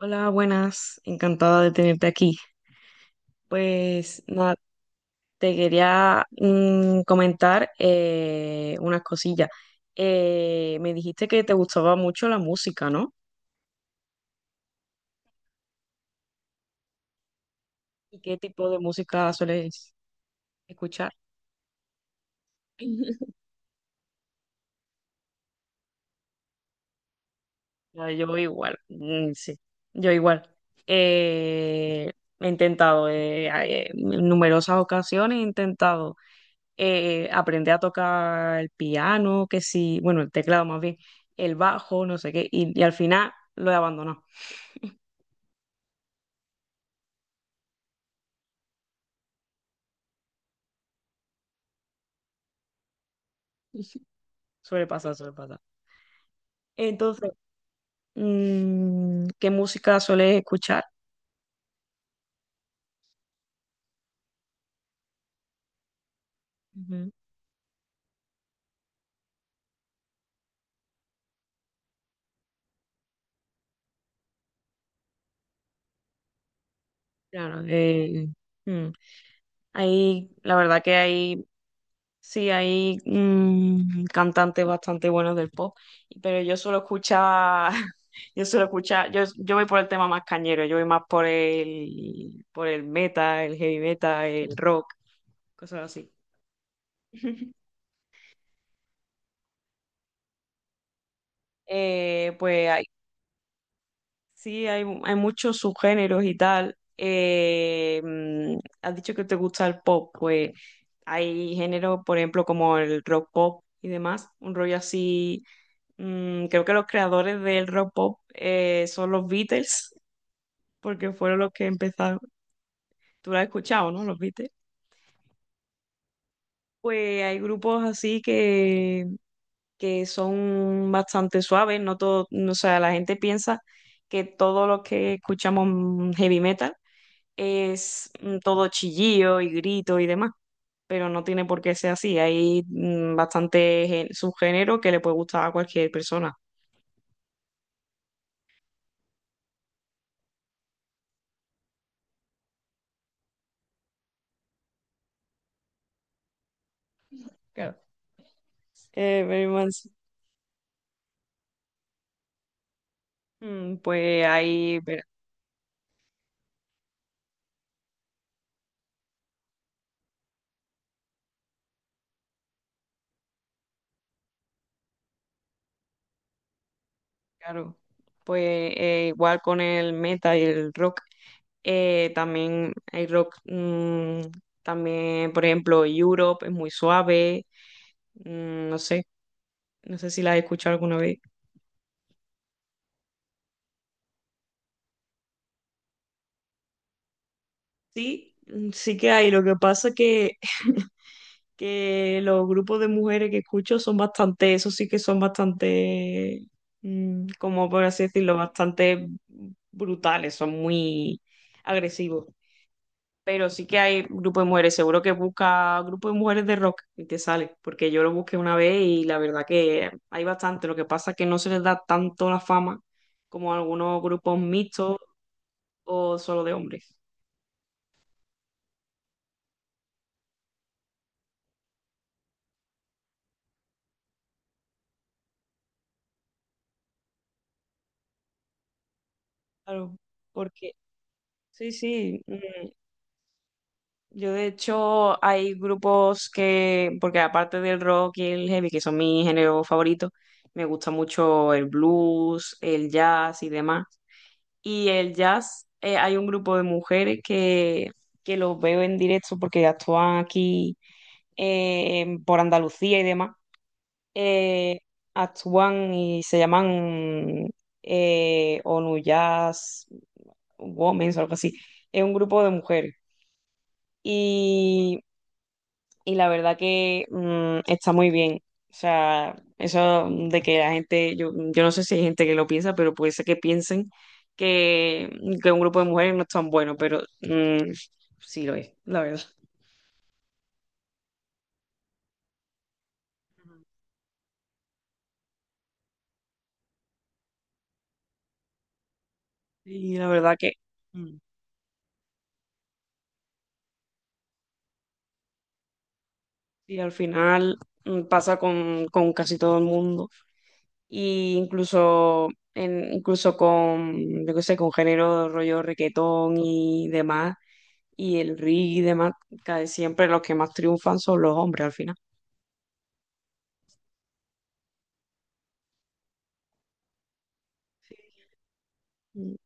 Hola, buenas, encantada de tenerte aquí. Pues nada, te quería comentar unas cosillas. Me dijiste que te gustaba mucho la música, ¿no? ¿Y qué tipo de música sueles escuchar? Ya, yo igual, sí, yo igual. Eh, He intentado, en numerosas ocasiones he intentado aprendí a tocar el piano, que sí, bueno, el teclado más bien, el bajo, no sé qué, y al final lo he abandonado. Suele pasar, suele pasar. Entonces, ¿qué música sueles escuchar? Ujú. Claro, mm, hay, la verdad que hay, sí, hay cantantes bastante buenos del pop, pero yo suelo escuchar, yo suelo escuchar, yo voy por el tema más cañero, yo voy más por el metal, el heavy metal, el rock, cosas así. Pues hay, sí, hay muchos subgéneros y tal. Has dicho que te gusta el pop, pues hay géneros, por ejemplo, como el rock pop y demás, un rollo así. Creo que los creadores del rock pop son los Beatles, porque fueron los que empezaron. Tú lo has escuchado, ¿no? Los Beatles. Pues hay grupos así que son bastante suaves, no todo, o sea, la gente piensa que todo lo que escuchamos, heavy metal, es todo chillillo y grito y demás, pero no tiene por qué ser así, hay bastante subgénero que le puede gustar a cualquier persona. Claro. Mary Manson. Pues ahí, pero, claro, pues igual con el metal y el rock, también hay rock, mm, también, por ejemplo, Europe es muy suave. No sé, no sé si la he escuchado alguna vez. Sí, sí que hay. Lo que pasa que los grupos de mujeres que escucho son bastante, eso sí que son bastante, como por así decirlo, bastante brutales, son muy agresivos. Pero sí que hay grupos de mujeres, seguro que busca grupo de mujeres de rock y te sale, porque yo lo busqué una vez y la verdad que hay bastante. Lo que pasa que no se les da tanto la fama como a algunos grupos mixtos o solo de hombres. Claro, porque sí, sí. Yo de hecho hay grupos que, porque aparte del rock y el heavy, que son mis géneros favoritos, me gusta mucho el blues, el jazz y demás. Y el jazz, hay un grupo de mujeres que los veo en directo porque actúan aquí por Andalucía y demás. Eh, Actúan y se llaman ONU Jazz Women o algo así. Es un grupo de mujeres y, y la verdad que está muy bien. O sea, eso de que la gente, yo no sé si hay gente que lo piensa, pero puede ser que piensen que, que un grupo de mujeres no es tan bueno, pero sí lo es, la verdad. Y la verdad que mm, y al final pasa con casi todo el mundo. Y incluso, incluso con, yo qué sé, con género rollo requetón y demás y el ring y demás, cae siempre los que más triunfan son los hombres al final. Mm,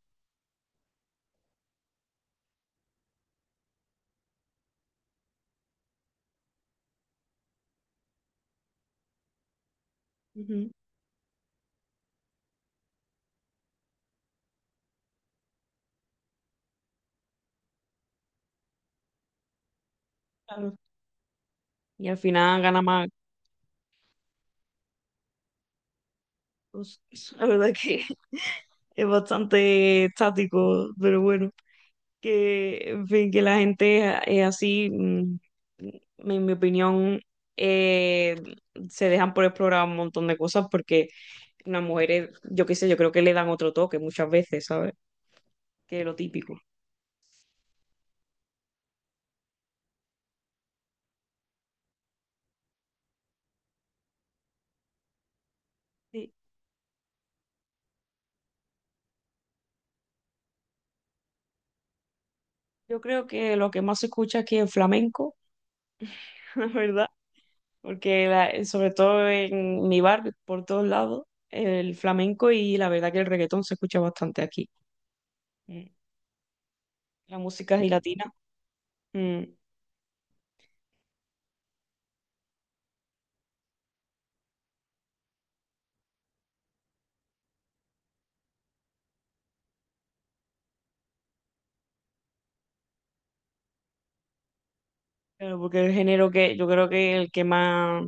ujú, claro. Y al final gana más. Pues, la verdad es que es bastante estático, pero bueno, que en fin, que la gente es así, en mi opinión, eh, se dejan por explorar un montón de cosas porque las mujeres, yo qué sé, yo creo que le dan otro toque muchas veces, ¿sabes? Que lo típico. Sí. Yo creo que lo que más se escucha aquí es flamenco, la verdad. Porque sobre todo en mi barrio, por todos lados, el flamenco y la verdad que el reggaetón se escucha bastante aquí. Mm. La música gelatina, pero porque es el género que yo creo que el que más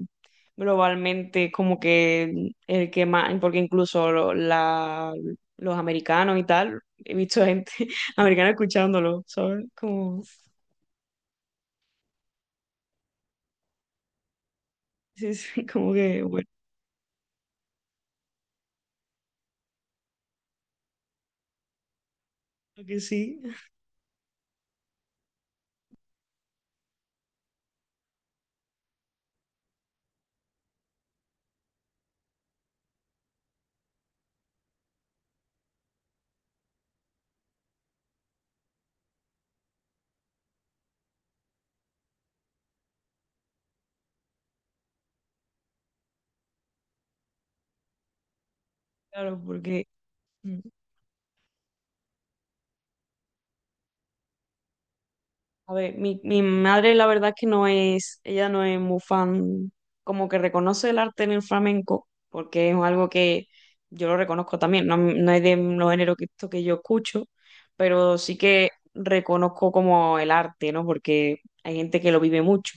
globalmente, como que el que más, porque incluso los americanos y tal, he visto gente americana escuchándolo, ¿sabes? Como, sí, sí, como que, bueno, que sí, claro, porque... mm. A ver, mi madre la verdad es que no es, ella no es muy fan, como que reconoce el arte en el flamenco, porque es algo que yo lo reconozco también, no, no es de los géneros que, esto que yo escucho, pero sí que reconozco como el arte, ¿no? Porque hay gente que lo vive mucho,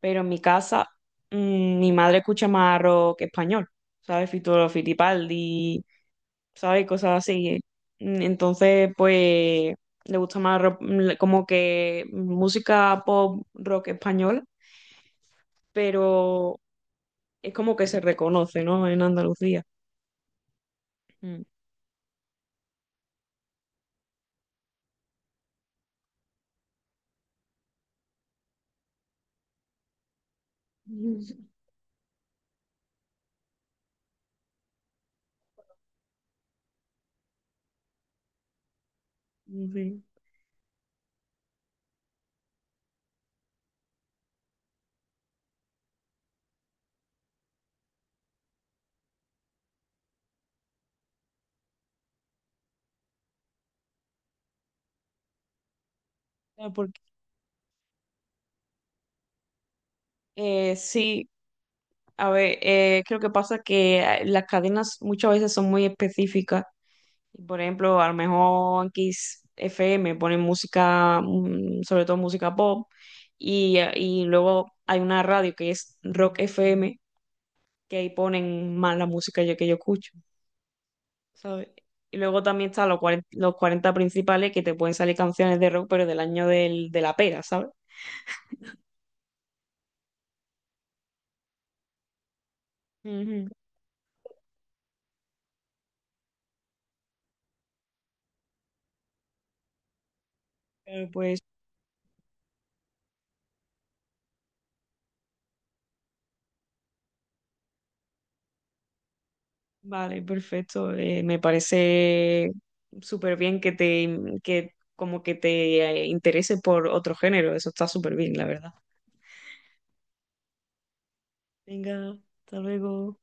pero en mi casa mi madre escucha más rock español, ¿sabes? Fito Fitipaldi, ¿sabes? Cosas así. Entonces, pues, le gusta más como que música pop, rock español, pero es como que se reconoce, ¿no? En Andalucía. Mm. Mm, sí. Porque, sí, a ver, creo que pasa que las cadenas muchas veces son muy específicas. Y por ejemplo, a lo mejor en Kiss FM ponen música, sobre todo música pop, y luego hay una radio que es Rock FM, que ahí ponen más la música que yo escucho, ¿sabes? Y luego también están los cuarenta Los 40 Principales, que te pueden salir canciones de rock, pero del año del, de la pera, ¿sabes? Ujú. Pero pues, vale, perfecto. Me parece súper bien que te, que como que te interese por otro género. Eso está súper bien, la verdad. Venga, hasta luego.